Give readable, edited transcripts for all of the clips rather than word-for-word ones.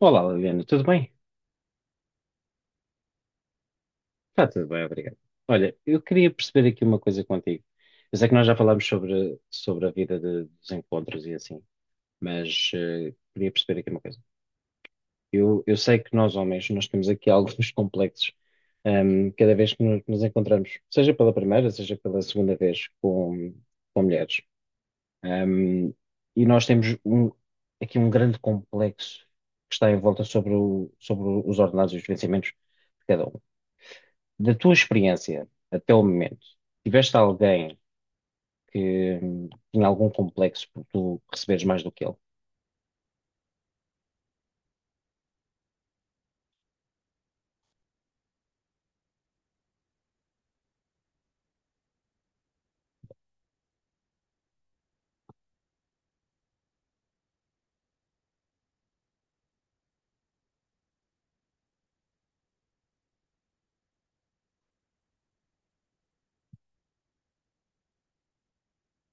Olá, Liliana, tudo bem? Está tudo bem, obrigado. Olha, eu queria perceber aqui uma coisa contigo. Eu sei que nós já falámos sobre a vida dos encontros e assim, mas queria perceber aqui uma coisa. Eu sei que nós, homens, nós temos aqui alguns complexos cada vez que nos encontramos, seja pela primeira, seja pela segunda vez com mulheres. Ehm, e nós temos aqui um grande complexo que está em volta sobre os ordenados e os vencimentos de cada um. Da tua experiência até o momento, tiveste alguém que tinha algum complexo por tu receberes mais do que ele?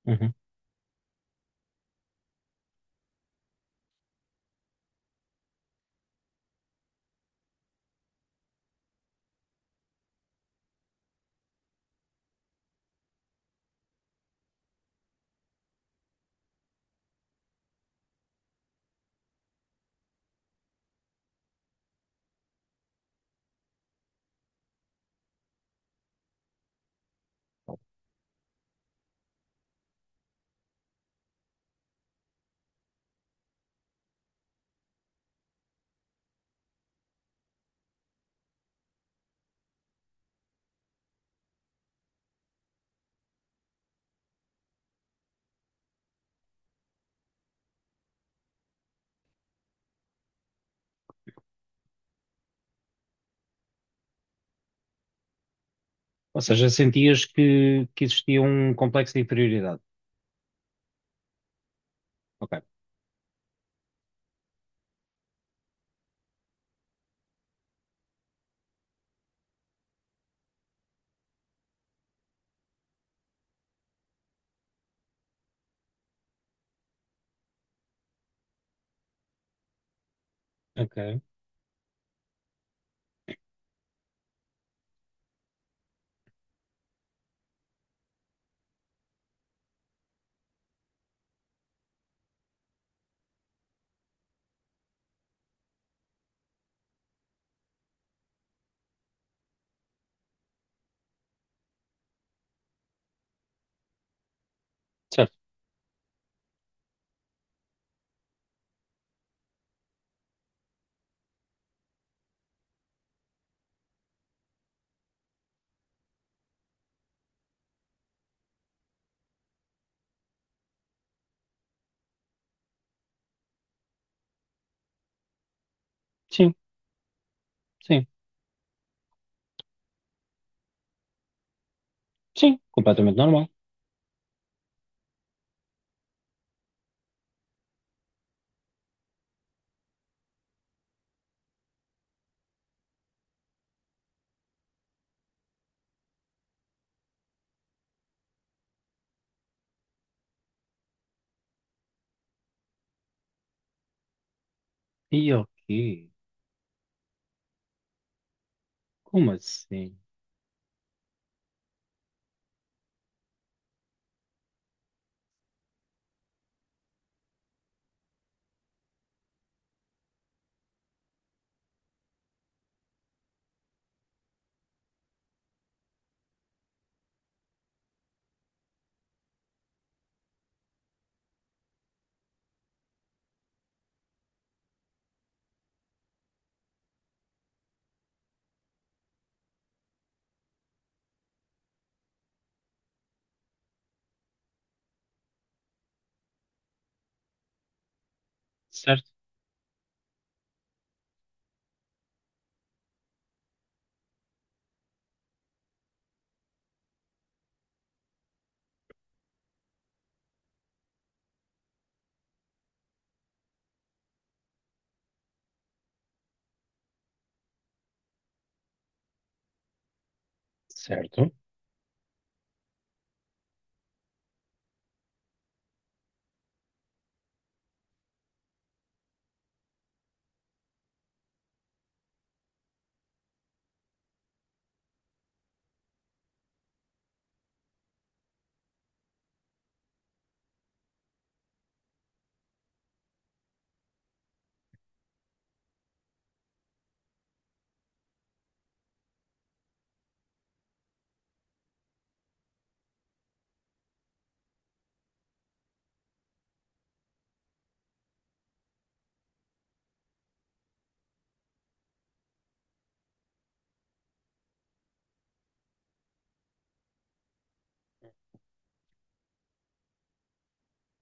Uhum. Ou seja, sentias que existia um complexo de inferioridade? Ok, ok, certo. Sim, sim, sim, completamente normal. E ok, como assim? Certo, certo.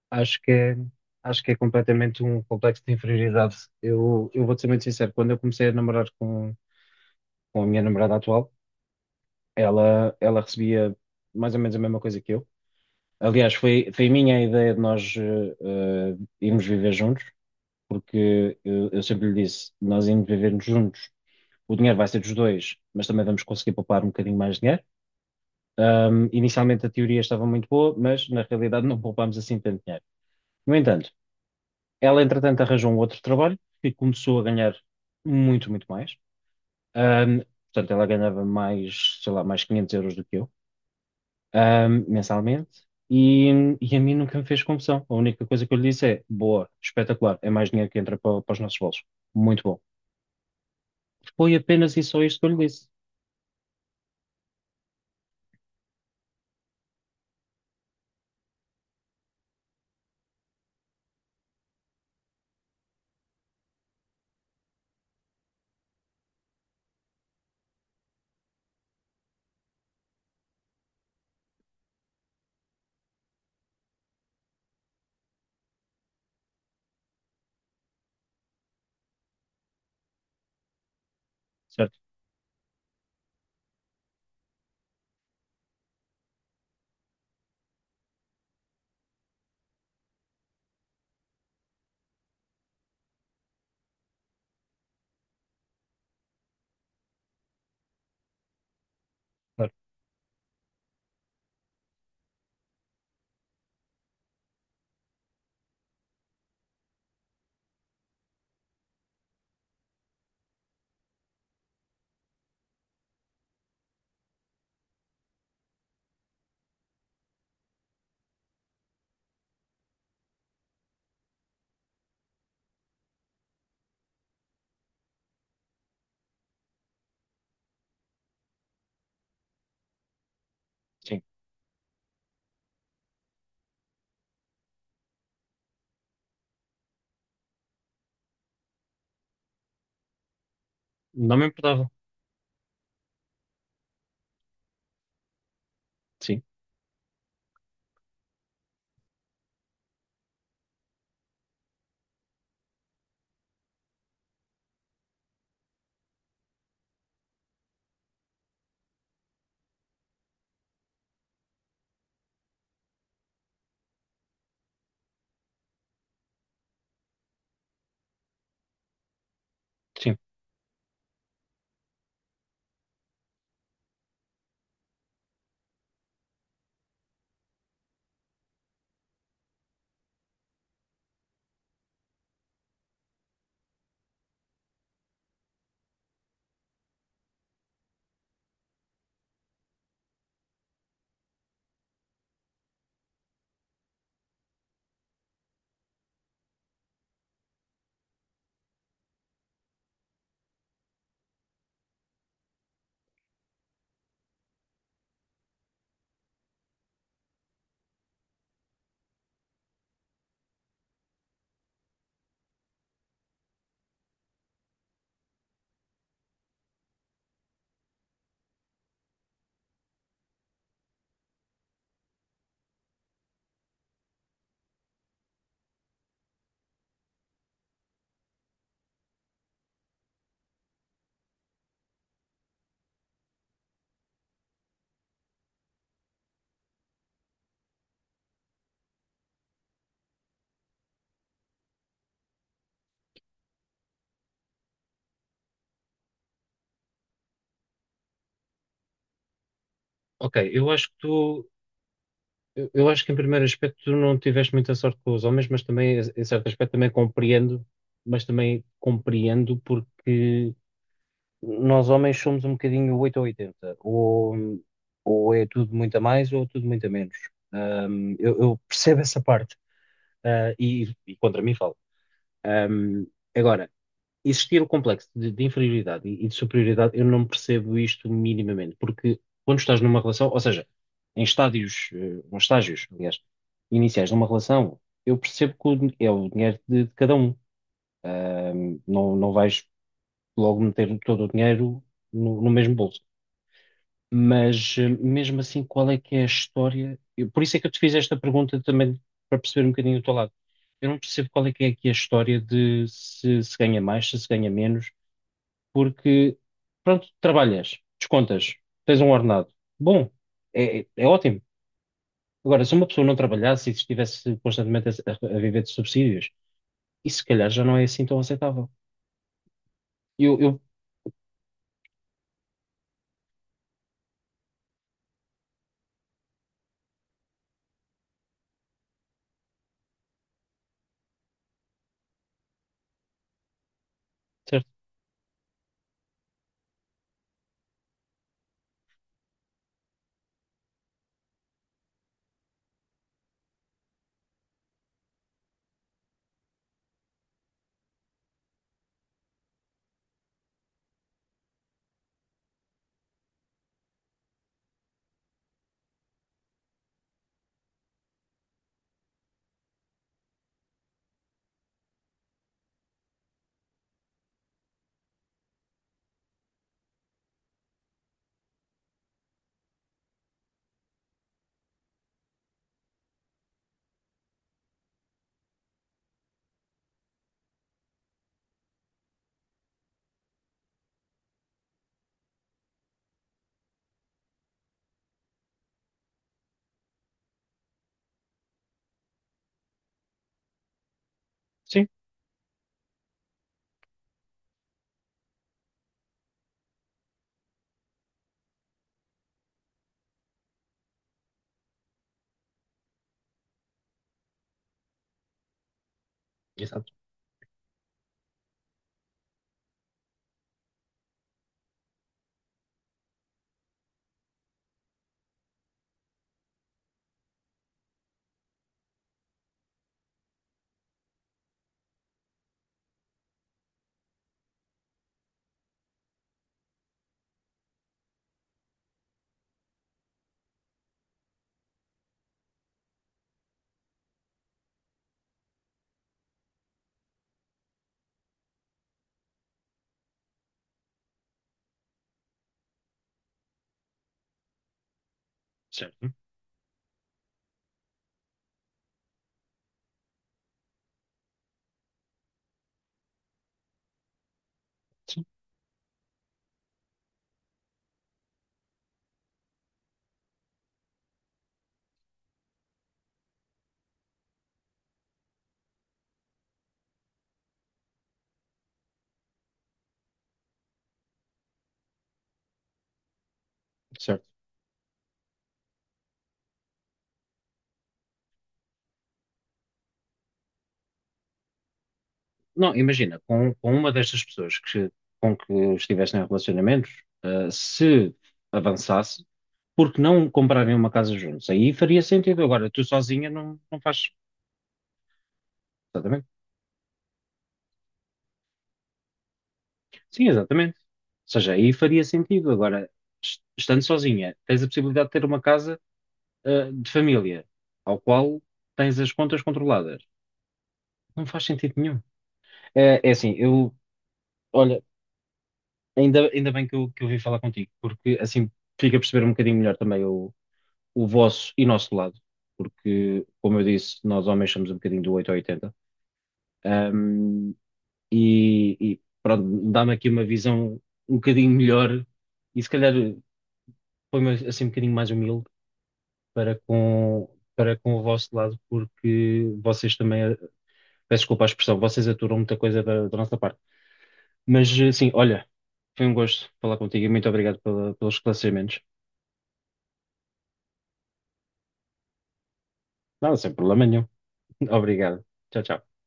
Acho que é, acho que é completamente um complexo de inferioridade. Eu vou-te ser muito sincero, quando eu comecei a namorar com a minha namorada atual, ela recebia mais ou menos a mesma coisa que eu. Aliás, foi a minha ideia de nós irmos viver juntos, porque eu sempre lhe disse, nós irmos viver juntos, o dinheiro vai ser dos dois, mas também vamos conseguir poupar um bocadinho mais de dinheiro. Inicialmente a teoria estava muito boa, mas na realidade não poupámos assim tanto dinheiro. No entanto, ela entretanto arranjou um outro trabalho e começou a ganhar muito, muito mais. Ahm, portanto, ela ganhava mais, sei lá, mais 500 euros do que eu, mensalmente, e, e a mim nunca me fez confusão. A única coisa que eu lhe disse é, boa, espetacular, é mais dinheiro que entra para os nossos bolsos. Muito bom. Foi apenas e só isto que eu lhe disse. Certo? Claro. Sim. Não me importava. Sim, sim. Ok, eu acho que em primeiro aspecto tu não tiveste muita sorte com os homens, mas também, em certo aspecto, também compreendo, mas também compreendo porque nós homens somos um bocadinho 8 ou 80 ou é tudo muito a mais ou tudo muito a menos. Eu percebo essa parte, e contra mim falo. Um, agora, existir o complexo de inferioridade e de superioridade, eu não percebo isto minimamente, porque quando estás numa relação, ou seja, em nos estágios, aliás, iniciais de uma relação, eu percebo que o é o dinheiro de cada um. Não vais logo meter todo o dinheiro no mesmo bolso. Mas mesmo assim, qual é que é a história? Por isso é que eu te fiz esta pergunta também para perceber um bocadinho o teu lado. Eu não percebo qual é que é aqui a história de se se ganha mais, se se ganha menos, porque pronto, trabalhas, descontas, tens um ordenado. Bom, é ótimo. Agora, se uma pessoa não trabalhasse e estivesse constantemente a viver de subsídios, isso se calhar já não é assim tão aceitável. Eu, eu, certo, sim, exato, certo, sim, certo. Não, imagina, com uma destas pessoas que com que estivessem em relacionamentos, se avançasse, porque não comprarem uma casa juntos? Aí faria sentido. Agora, tu sozinha não faz. Exatamente. Sim, exatamente. Ou seja, aí faria sentido. Agora, estando sozinha, tens a possibilidade de ter uma casa, de família, ao qual tens as contas controladas. Não faz sentido nenhum. É, é assim, eu, olha, ainda bem que que eu vim falar contigo, porque assim fica a perceber um bocadinho melhor também o vosso e nosso lado, porque, como eu disse, nós homens somos um bocadinho do 8 ao 80. Um, e pronto, dá-me aqui uma visão um bocadinho melhor e se calhar põe-me assim um bocadinho mais humilde para com, para com o vosso lado, porque vocês também, peço desculpa a expressão, vocês aturam muita coisa da nossa parte. Mas sim, olha, foi um gosto falar contigo e muito obrigado pelos esclarecimentos. Não, sem problema nenhum. Obrigado. Tchau, tchau.